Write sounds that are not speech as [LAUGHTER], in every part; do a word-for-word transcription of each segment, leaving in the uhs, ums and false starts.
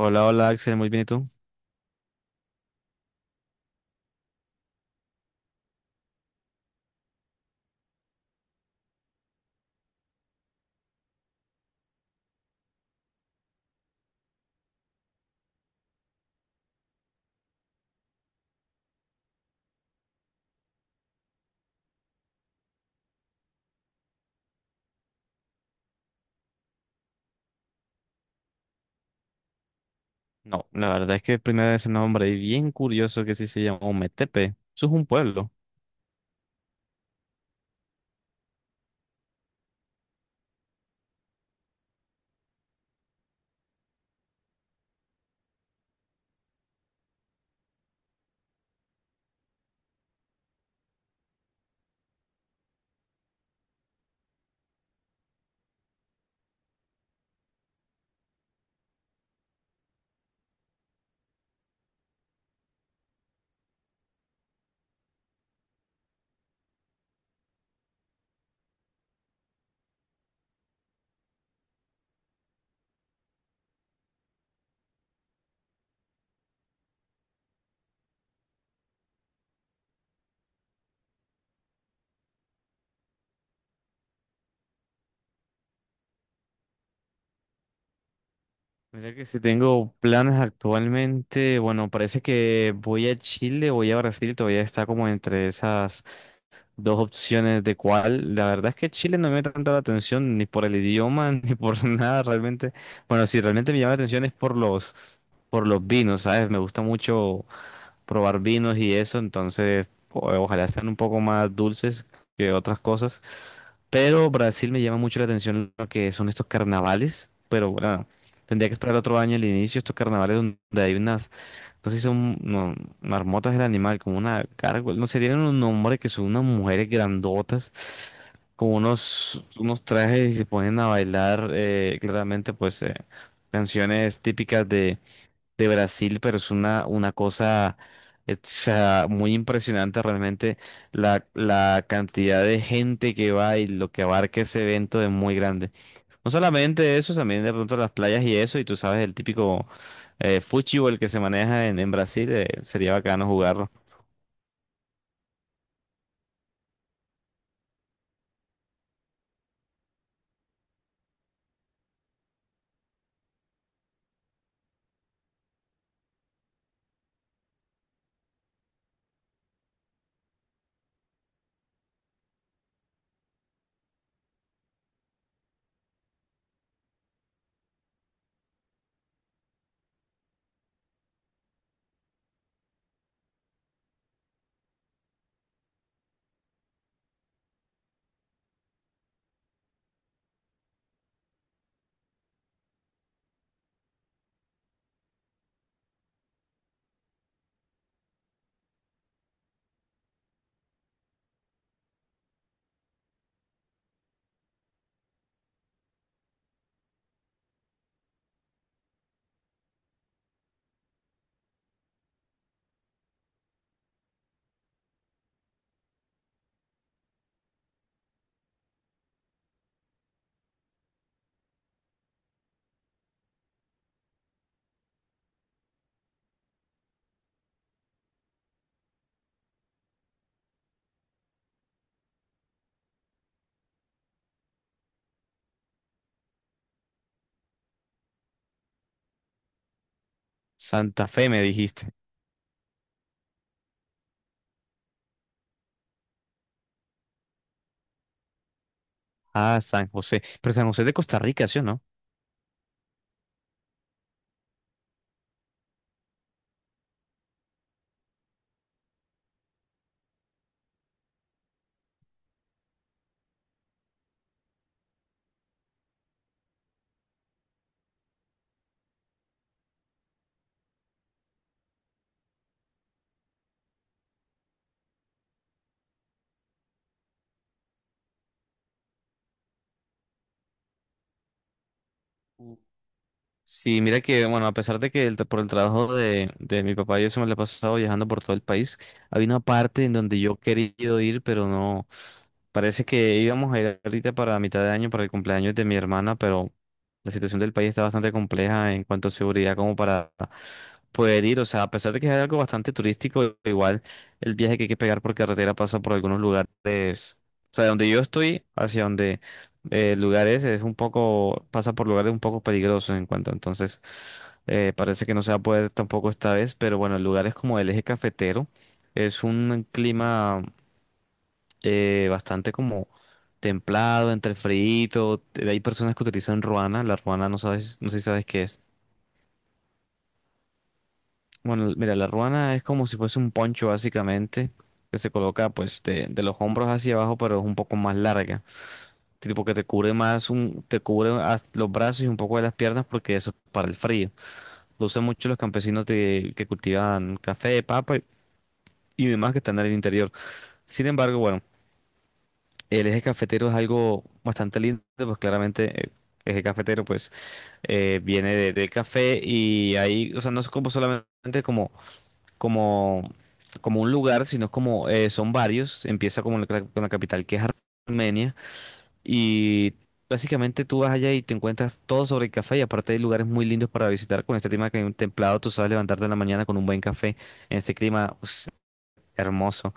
Hola, hola Axel, muy bien, ¿y tú? No, la verdad es que primera vez en nombre y bien curioso que sí se llama Ometepe. Eso es un pueblo. Mira que si tengo planes actualmente, bueno, parece que voy a Chile, voy a Brasil, todavía está como entre esas dos opciones de cuál. La verdad es que Chile no me llama tanto la atención ni por el idioma [LAUGHS] ni por nada realmente. Bueno, si realmente me llama la atención es por los por los vinos, ¿sabes? Me gusta mucho probar vinos y eso, entonces o- ojalá sean un poco más dulces que otras cosas. Pero Brasil me llama mucho la atención lo que son estos carnavales, pero bueno, tendría que esperar otro año el inicio, estos carnavales donde hay unas, no sé si son no, marmotas del animal, como una gárgola, no sé, tienen un nombre que son unas mujeres grandotas, con unos, unos trajes y se ponen a bailar, eh, claramente pues eh, canciones típicas de Brasil, pero es una, una cosa eh, o sea, muy impresionante realmente la, la cantidad de gente que va y lo que abarca ese evento es muy grande. No solamente eso, también de pronto las playas y eso, y tú sabes el típico eh, fútbol que se maneja en, en Brasil, eh, sería bacano jugarlo. Santa Fe me dijiste. Ah, San José. Pero San José es de Costa Rica, ¿sí o no? Sí, mira que, bueno, a pesar de que el tra- por el trabajo de, de mi papá yo eso me lo he pasado viajando por todo el país, había una parte en donde yo he querido ir, pero no, parece que íbamos a ir ahorita para mitad de año, para el cumpleaños de mi hermana, pero la situación del país está bastante compleja en cuanto a seguridad como para poder ir, o sea, a pesar de que es algo bastante turístico, igual el viaje que hay que pegar por carretera pasa por algunos lugares, o sea, de donde yo estoy hacia donde eh, lugares es un poco, pasa por lugares un poco peligrosos en cuanto, entonces eh, parece que no se va a poder tampoco esta vez, pero bueno, lugares como el eje cafetero es un clima eh, bastante como templado, entre frío, hay personas que utilizan ruana, la ruana no sabes, no sé si sabes qué es. Bueno, mira, la ruana es como si fuese un poncho básicamente, que se coloca pues de, de los hombros hacia abajo, pero es un poco más larga. Tipo que te cubre más un, te cubre haz- los brazos y un poco de las piernas porque eso es para el frío. Lo usan mucho los campesinos de- que cultivan café, papa y, y demás que están en el interior. Sin embargo, bueno, el eje cafetero es algo bastante lindo, pues claramente el eje cafetero pues eh, viene de- del café y ahí, o sea, no es como solamente como, como, como un lugar, sino como eh, son varios. Empieza como la- con la capital que es Armenia. Y básicamente tú vas allá y te encuentras todo sobre el café y aparte hay lugares muy lindos para visitar con este clima que hay un templado, tú sabes levantarte en la mañana con un buen café en este clima us, hermoso.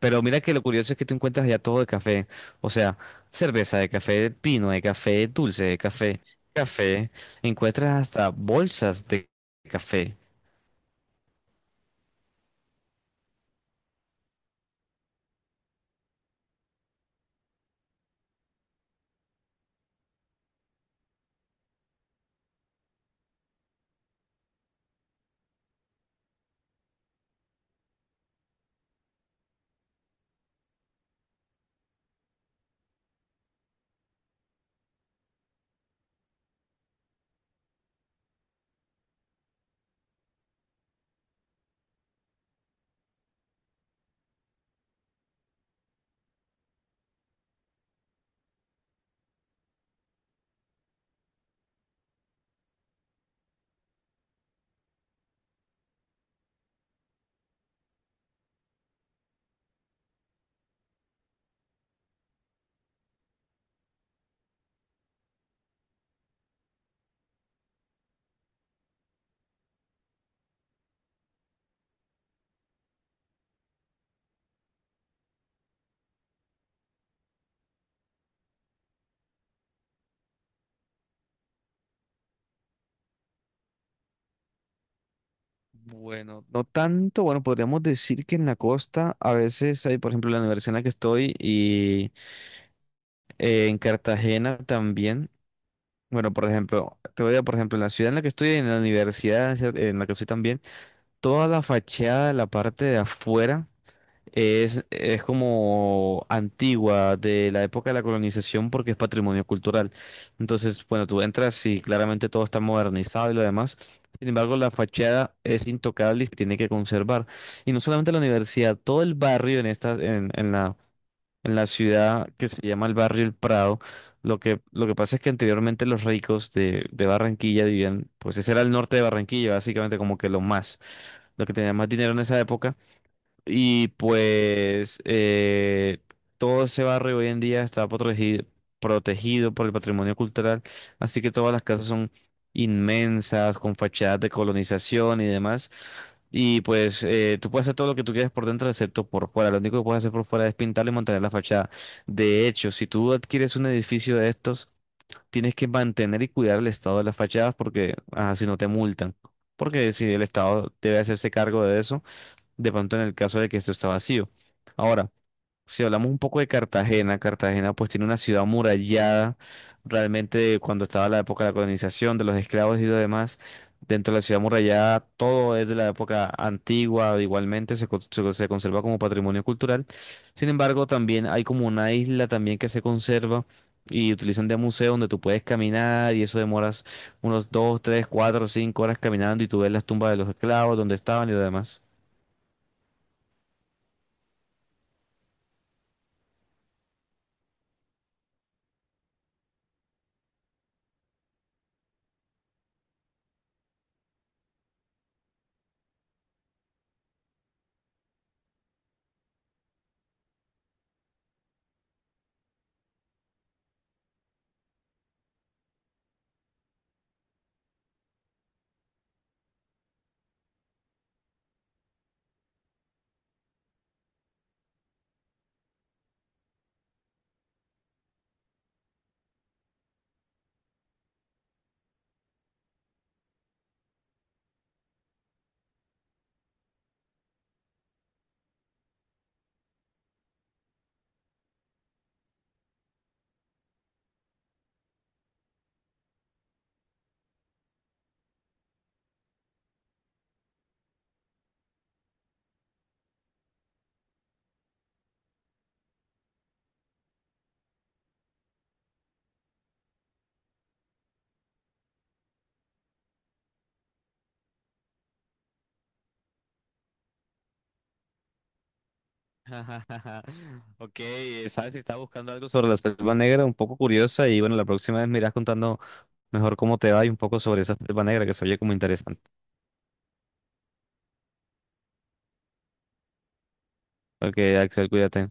Pero mira que lo curioso es que tú encuentras allá todo de café, o sea, cerveza de café de pino, de café dulce, de café, café, encuentras hasta bolsas de café. Bueno, no tanto, bueno, podríamos decir que en la costa a veces hay, por ejemplo, la universidad en la que estoy y eh, en Cartagena también. Bueno, por ejemplo, te voy a, por ejemplo, en la ciudad en la que estoy, en la universidad en la en la que estoy también, toda la fachada, la parte de afuera, es, es como antigua, de la época de la colonización, porque es patrimonio cultural. Entonces, bueno, tú entras y claramente todo está modernizado y lo demás. Sin embargo, la fachada es intocable y se tiene que conservar. Y no solamente la universidad, todo el barrio en esta, en, en la en la ciudad que se llama el barrio El Prado. Lo que, lo que pasa es que anteriormente los ricos de, de Barranquilla vivían, pues ese era el norte de Barranquilla, básicamente como que lo más, lo que tenía más dinero en esa época. Y pues eh, todo ese barrio hoy en día está protegido, protegido por el patrimonio cultural, así que todas las casas son inmensas, con fachadas de colonización y demás. Y pues eh, tú puedes hacer todo lo que tú quieras por dentro, excepto por fuera. Lo único que puedes hacer por fuera es pintar y mantener la fachada. De hecho, si tú adquieres un edificio de estos, tienes que mantener y cuidar el estado de las fachadas porque así si no te multan. Porque si el Estado debe hacerse cargo de eso de pronto en el caso de que esto está vacío. Ahora, si hablamos un poco de Cartagena, Cartagena pues tiene una ciudad amurallada, realmente de cuando estaba la época de la colonización, de los esclavos y lo demás, dentro de la ciudad amurallada todo es de la época antigua, igualmente se, con- se se conserva como patrimonio cultural. Sin embargo, también hay como una isla también que se conserva. Y utilizan de museo donde tú puedes caminar y eso demoras unos dos tres cuatro cinco horas caminando y tú ves las tumbas de los esclavos, donde estaban y lo demás. [LAUGHS] Ok, eh, sabes si estás buscando algo sobre la selva negra, un poco curiosa, y bueno, la próxima vez me irás contando mejor cómo te va y un poco sobre esa selva negra que se oye como interesante. Ok, Axel, cuídate.